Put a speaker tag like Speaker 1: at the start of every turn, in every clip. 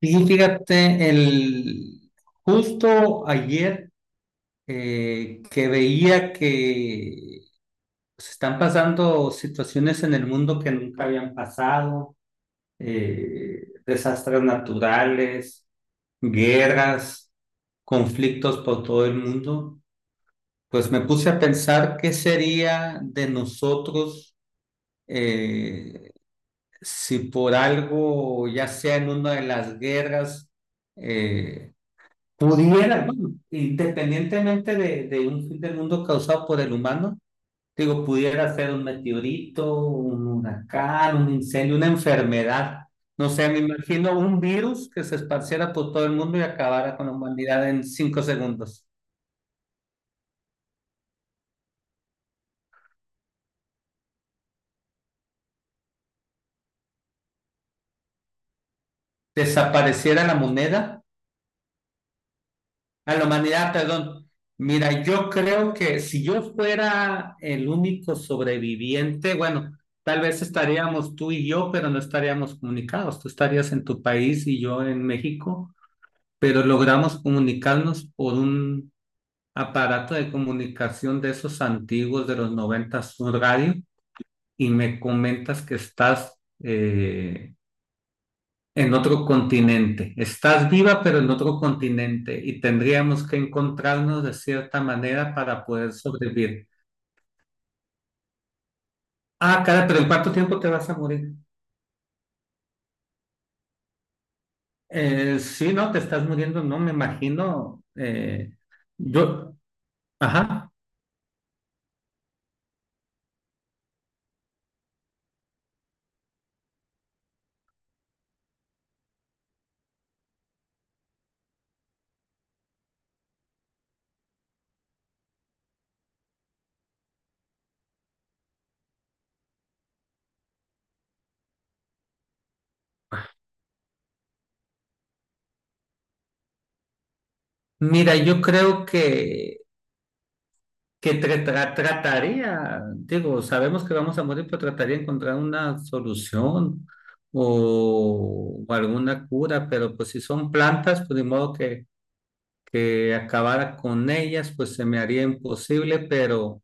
Speaker 1: Y fíjate, justo ayer que veía que se están pasando situaciones en el mundo que nunca habían pasado, desastres naturales, guerras, conflictos por todo el mundo. Pues me puse a pensar qué sería de nosotros eh, si por algo, ya sea en una de las guerras, eh, pudiera, bueno, independientemente de un fin del mundo causado por el humano. Digo, pudiera ser un meteorito, un huracán, un incendio, una enfermedad. No sé, me imagino un virus que se esparciera por todo el mundo y acabara con la humanidad en 5 segundos. Desapareciera la moneda a la humanidad, perdón. Mira, yo creo que si yo fuera el único sobreviviente, bueno, tal vez estaríamos tú y yo, pero no estaríamos comunicados. Tú estarías en tu país y yo en México, pero logramos comunicarnos por un aparato de comunicación de esos antiguos de los 90, un radio, y me comentas que estás en otro continente. Estás viva, pero en otro continente, y tendríamos que encontrarnos de cierta manera para poder sobrevivir. Ah, cara, pero ¿en cuánto tiempo te vas a morir? Sí, no, te estás muriendo, no me imagino. Yo, ajá. Mira, yo creo que, trataría, digo, sabemos que vamos a morir, pero trataría de encontrar una solución o alguna cura, pero pues si son plantas, pues de modo que acabara con ellas, pues se me haría imposible, pero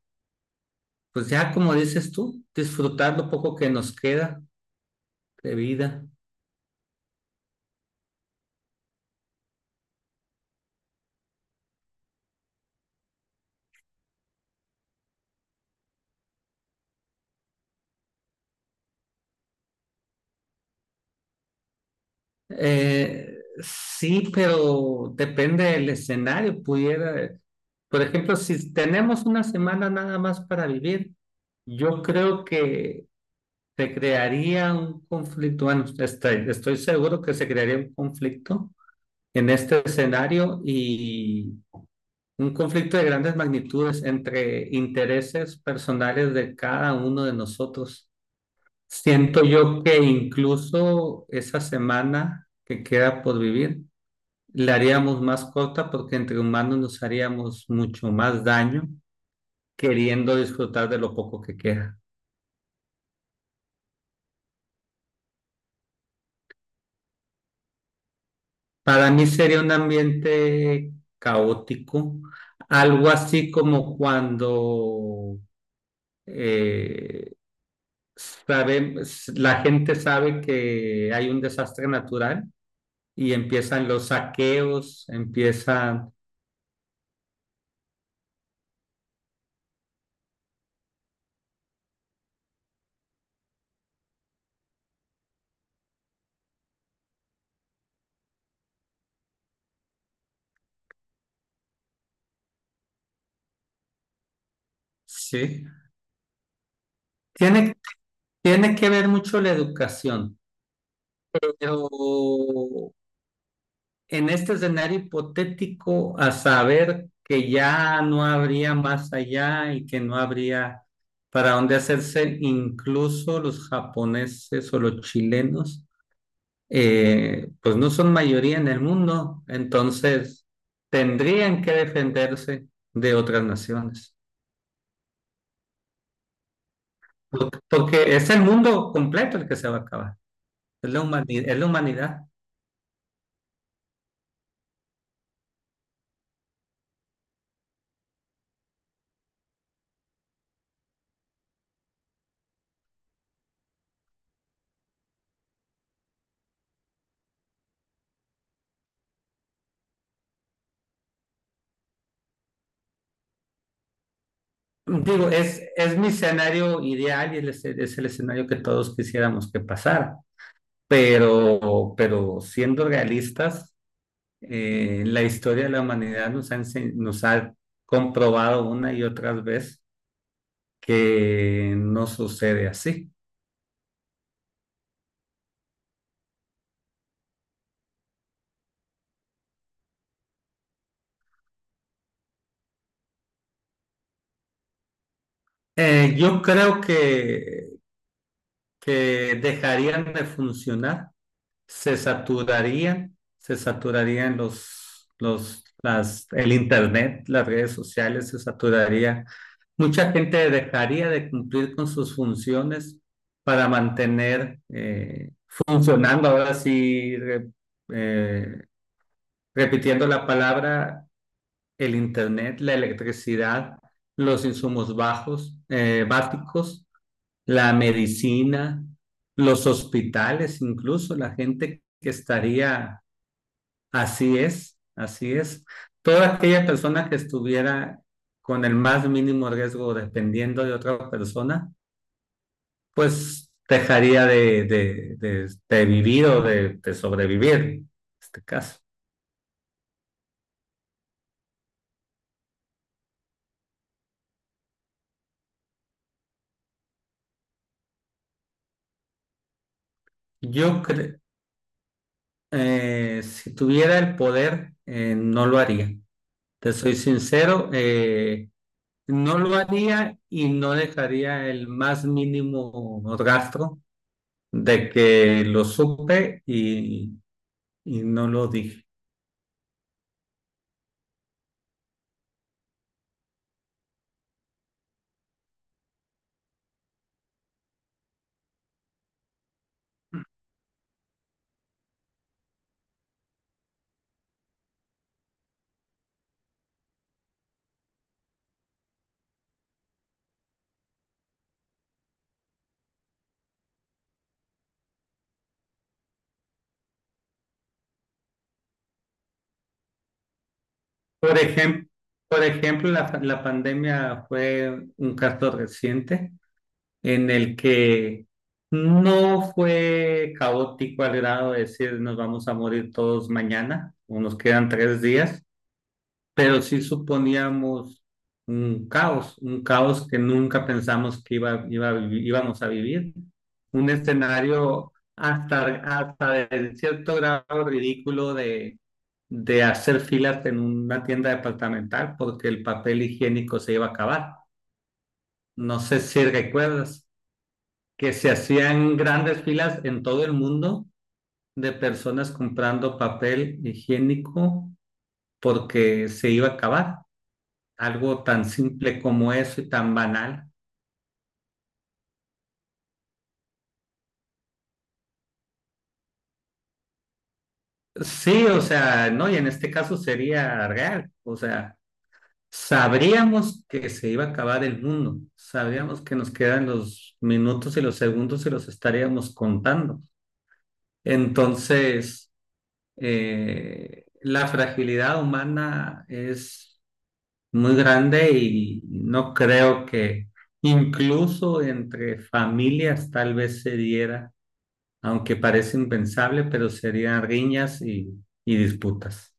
Speaker 1: pues ya como dices tú, disfrutar lo poco que nos queda de vida. Sí, pero depende del escenario, pudiera, por ejemplo, si tenemos una semana nada más para vivir, yo creo que se crearía un conflicto, bueno, estoy seguro que se crearía un conflicto en este escenario, y un conflicto de grandes magnitudes entre intereses personales de cada uno de nosotros. Siento yo que incluso esa semana que queda por vivir, la haríamos más corta, porque entre humanos nos haríamos mucho más daño queriendo disfrutar de lo poco que queda. Para mí sería un ambiente caótico, algo así como cuando eh, sabe- la gente sabe que hay un desastre natural y empiezan los saqueos, empiezan. Sí, tiene, tiene que ver mucho la educación, pero en este escenario hipotético, a saber que ya no habría más allá y que no habría para dónde hacerse, incluso los japoneses o los chilenos, pues no son mayoría en el mundo, entonces tendrían que defenderse de otras naciones. Porque es el mundo completo el que se va a acabar, es la humanidad, es la humanidad. Digo, es mi escenario ideal y es el escenario que todos quisiéramos que pasara, pero, siendo realistas, la historia de la humanidad nos ha, nos ha comprobado una y otra vez que no sucede así. Yo creo que dejarían de funcionar, se saturarían, el internet, las redes sociales, se saturaría. Mucha gente dejaría de cumplir con sus funciones para mantener funcionando, ahora sí, eh, repitiendo la palabra, el internet, la electricidad, los insumos bajos, básicos, la medicina, los hospitales, incluso la gente que estaría, así es, toda aquella persona que estuviera con el más mínimo riesgo dependiendo de otra persona, pues dejaría de vivir o de sobrevivir en este caso. Yo creo, si tuviera el poder, no lo haría. Te soy sincero, no lo haría, y no dejaría el más mínimo rastro de que lo supe y no lo dije. Por ejemplo, por ejemplo, la pandemia fue un caso reciente en el que no fue caótico al grado de decir nos vamos a morir todos mañana o nos quedan 3 días, pero sí suponíamos un caos que nunca pensamos que íbamos a vivir, un escenario hasta de cierto grado ridículo de hacer filas en una tienda departamental porque el papel higiénico se iba a acabar. No sé si recuerdas que se hacían grandes filas en todo el mundo de personas comprando papel higiénico porque se iba a acabar. Algo tan simple como eso y tan banal. Sí, o sea, no, y en este caso sería real, o sea, sabríamos que se iba a acabar el mundo, sabríamos que nos quedan los minutos y los segundos, y los estaríamos contando. Entonces, la fragilidad humana es muy grande, y no creo que incluso entre familias tal vez se diera, aunque parece impensable, pero serían riñas y disputas.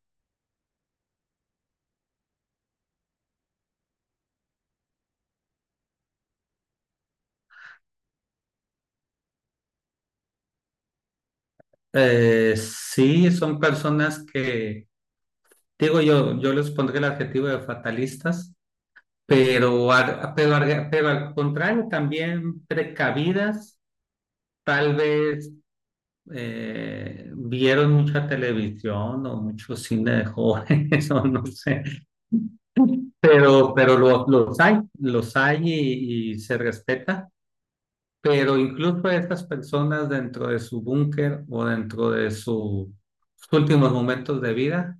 Speaker 1: Sí, son personas que, digo yo, yo les pondré el adjetivo de fatalistas, pero, pero al contrario, también precavidas, tal vez vieron mucha televisión o mucho cine de jóvenes, o no sé, pero, pero los hay, los hay, y se respeta. Pero incluso a estas personas dentro de su búnker o dentro de sus últimos momentos de vida,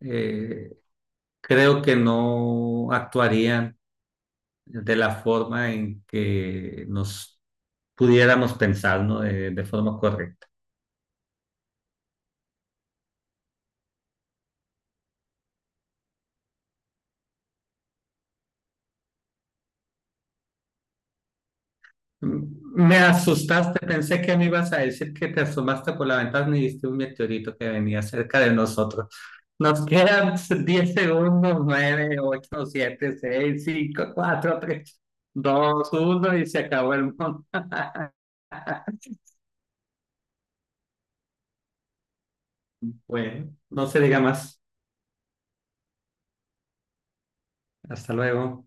Speaker 1: eh, creo que no actuarían de la forma en que nos pudiéramos pensar, ¿no? De forma correcta. Me asustaste, pensé que me ibas a decir que te asomaste por la ventana y viste un meteorito que venía cerca de nosotros. Nos quedan 10 segundos, nueve, ocho, siete, seis, cinco, cuatro, tres, dos, uno, y se acabó el mundo. Bueno, no se diga más. Hasta luego.